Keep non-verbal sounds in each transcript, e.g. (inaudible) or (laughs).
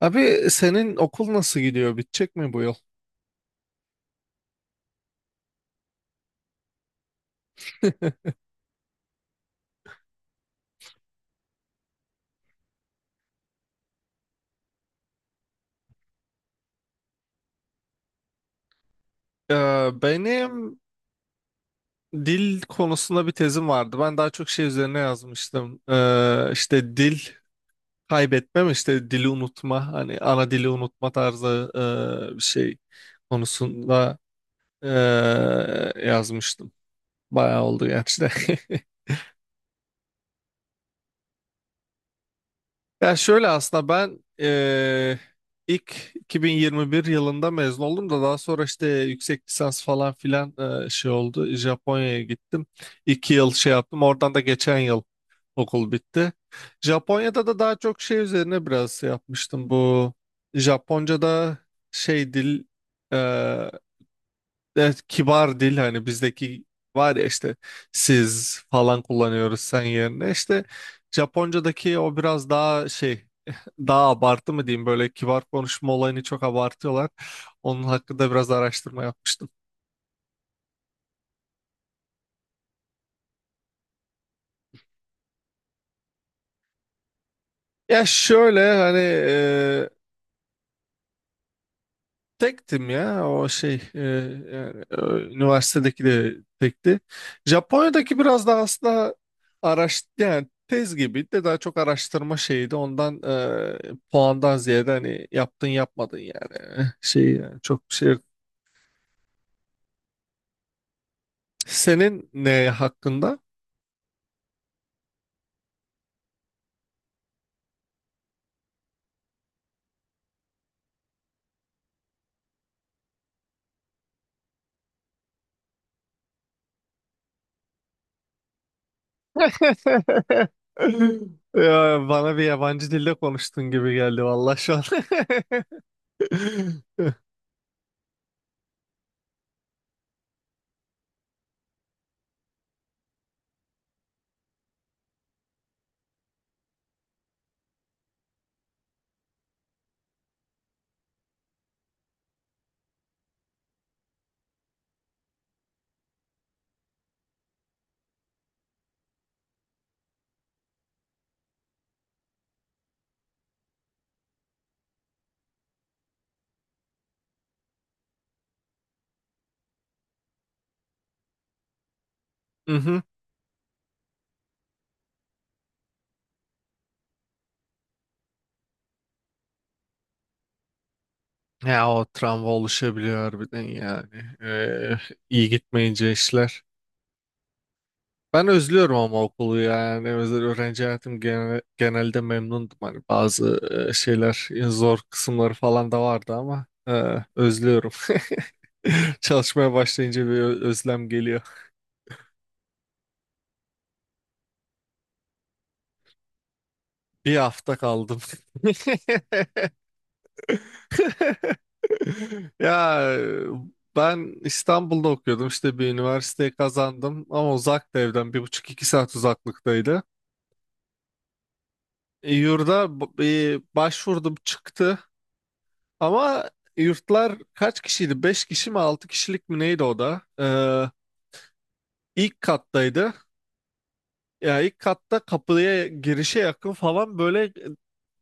Abi senin okul nasıl gidiyor? Bitecek mi bu yıl? Benim dil konusunda bir tezim vardı. Ben daha çok şey üzerine yazmıştım. İşte dil kaybetmem, işte dili unutma, hani ana dili unutma tarzı bir şey konusunda e, yazmıştım. Bayağı oldu gerçi de. (laughs) Ya şöyle aslında ben ilk 2021 yılında mezun oldum da daha sonra işte yüksek lisans falan filan şey oldu. Japonya'ya gittim. İki yıl şey yaptım. Oradan da geçen yıl okul bitti. Japonya'da da daha çok şey üzerine biraz şey yapmıştım. Bu Japonca'da şey dil. Evet, kibar dil, hani bizdeki var ya işte, siz falan kullanıyoruz sen yerine işte. Japonca'daki o biraz daha şey, (laughs) daha abartı mı diyeyim, böyle kibar konuşma olayını çok abartıyorlar. Onun hakkında biraz araştırma yapmıştım. Ya şöyle hani, tektim ya o şey, yani, üniversitedeki de tekti. Japonya'daki biraz daha aslında araş yani tez gibi de daha çok araştırma şeydi. Ondan puandan ziyade hani yaptın yapmadın yani (laughs) şey yani çok bir şey. Senin ne hakkında? (laughs) Ya, bana bir yabancı dilde konuştun gibi geldi vallahi şu an. (laughs) Mhm. Ya o travma oluşabiliyor harbiden yani. İyi gitmeyince işler. Ben özlüyorum ama okulu yani. Özel öğrenci hayatım genelde memnundum. Hani bazı şeyler, zor kısımları falan da vardı ama özlüyorum. (laughs) Çalışmaya başlayınca bir özlem geliyor. Bir hafta kaldım. (laughs) (laughs) Ya ben İstanbul'da okuyordum, işte bir üniversiteyi kazandım ama uzaktı, evden bir buçuk iki saat uzaklıktaydı. Yurda b- başvurdum, çıktı ama yurtlar kaç kişiydi? Beş kişi mi altı kişilik mi neydi o da? İlk kattaydı. Ya ilk katta kapıya girişe yakın falan, böyle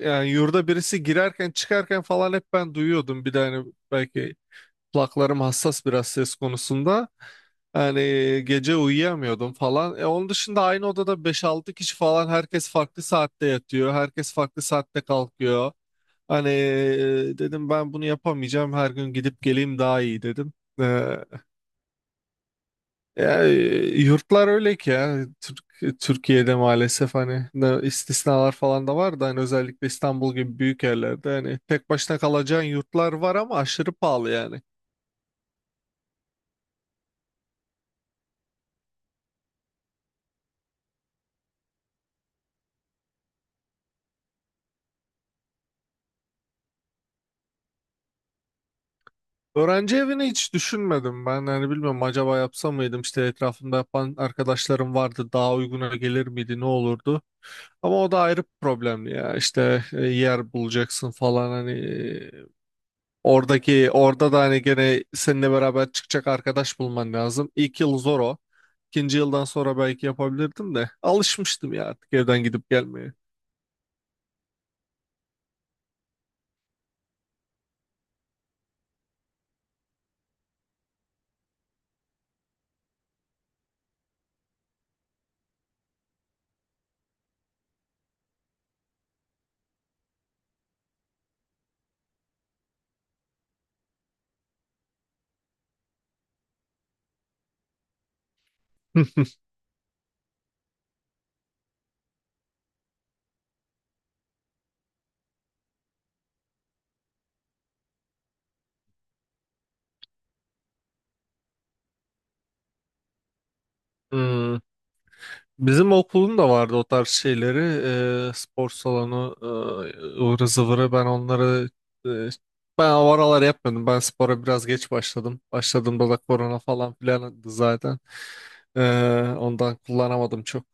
yani yurda birisi girerken çıkarken falan hep ben duyuyordum. Bir de hani belki kulaklarım hassas biraz ses konusunda. Yani gece uyuyamıyordum falan. Onun dışında aynı odada beş altı kişi falan, herkes farklı saatte yatıyor. Herkes farklı saatte kalkıyor. Hani dedim ben bunu yapamayacağım. Her gün gidip geleyim daha iyi dedim. E, ya, yurtlar öyle ki ya. Türkiye'de maalesef hani istisnalar falan da var da hani özellikle İstanbul gibi büyük yerlerde hani tek başına kalacağın yurtlar var ama aşırı pahalı yani. Öğrenci evini hiç düşünmedim. Ben hani bilmiyorum, acaba yapsam mıydım? İşte etrafımda yapan arkadaşlarım vardı. Daha uyguna gelir miydi? Ne olurdu? Ama o da ayrı bir problem ya. İşte yer bulacaksın falan, hani orada da hani gene seninle beraber çıkacak arkadaş bulman lazım. İlk yıl zor o. İkinci yıldan sonra belki yapabilirdim de alışmıştım ya artık evden gidip gelmeye. (laughs) Hmm. Bizim okulun da vardı o tarz şeyleri. Spor salonu, ıvırı zıvırı. Ben onları eee, ben o aralar yapmıyordum. Ben spora biraz geç başladım. Başladığımda da korona falan filandı zaten. Ondan kullanamadım çok.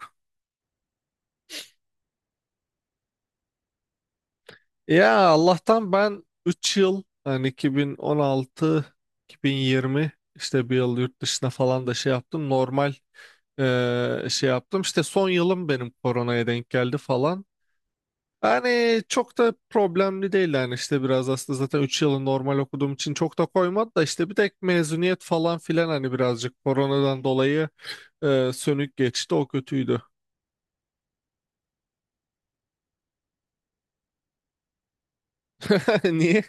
Ya Allah'tan ben 3 yıl, yani 2016 2020, işte bir yıl yurt dışına falan da şey yaptım. Normal şey yaptım. İşte son yılım benim koronaya denk geldi falan. Yani çok da problemli değil yani, işte biraz aslında zaten 3 yılı normal okuduğum için çok da koymadı da, işte bir tek mezuniyet falan filan hani birazcık koronadan dolayı sönük geçti, o kötüydü. (laughs) Niye?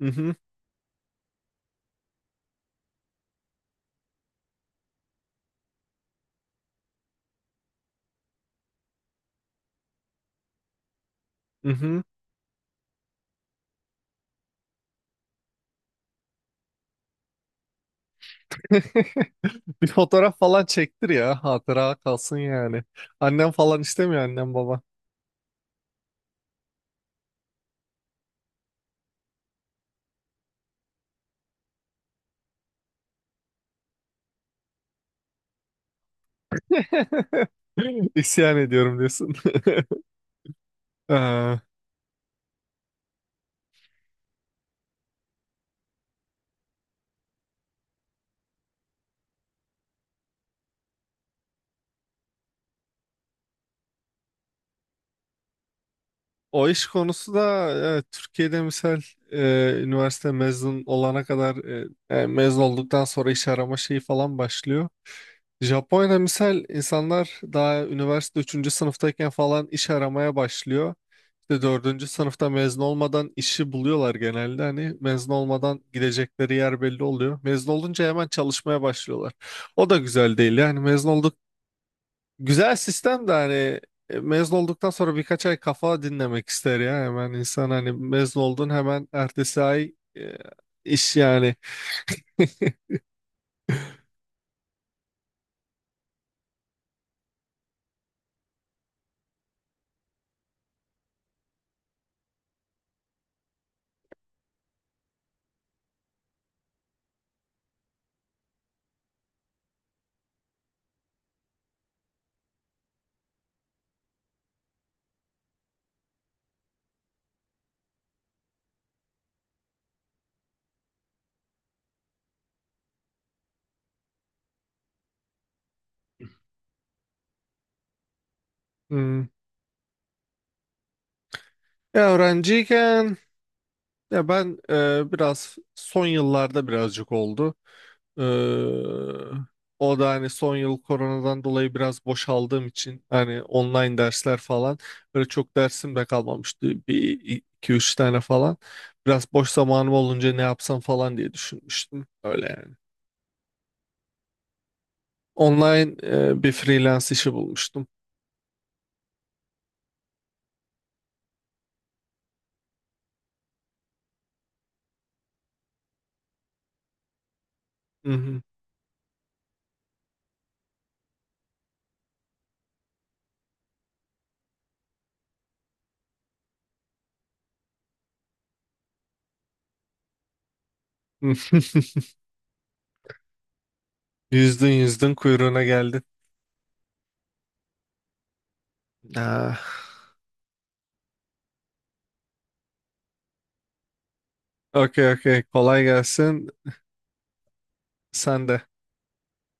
Mhm, mhm. (laughs) Bir fotoğraf falan çektir ya, hatıra kalsın yani. Annem falan istemiyor, annem baba. (laughs) İsyan ediyorum diyorsun. (laughs) Ee, O iş konusu da evet, Türkiye'de misal üniversite mezun olana kadar, mezun olduktan sonra iş arama şeyi falan başlıyor. Japonya'da misal insanlar daha üniversite üçüncü sınıftayken falan iş aramaya başlıyor. İşte 4. sınıfta mezun olmadan işi buluyorlar genelde. Hani mezun olmadan gidecekleri yer belli oluyor. Mezun olunca hemen çalışmaya başlıyorlar. O da güzel değil. Yani mezun. Güzel sistem de hani mezun olduktan sonra birkaç ay kafa dinlemek ister ya hemen insan, hani mezun oldun hemen ertesi ay iş yani. Hmm. Ya öğrenciyken, ya ben biraz son yıllarda birazcık oldu. Ee, O da hani son yıl koronadan dolayı biraz boşaldığım için, hani online dersler falan, böyle çok dersim de kalmamıştı, bir iki üç tane falan. Biraz boş zamanım olunca ne yapsam falan diye düşünmüştüm. Öyle yani. Online bir freelance işi bulmuştum. Hı hı. (laughs) Yüzdün yüzdün kuyruğuna geldin. Ah, okey okey, kolay gelsin. Sen de.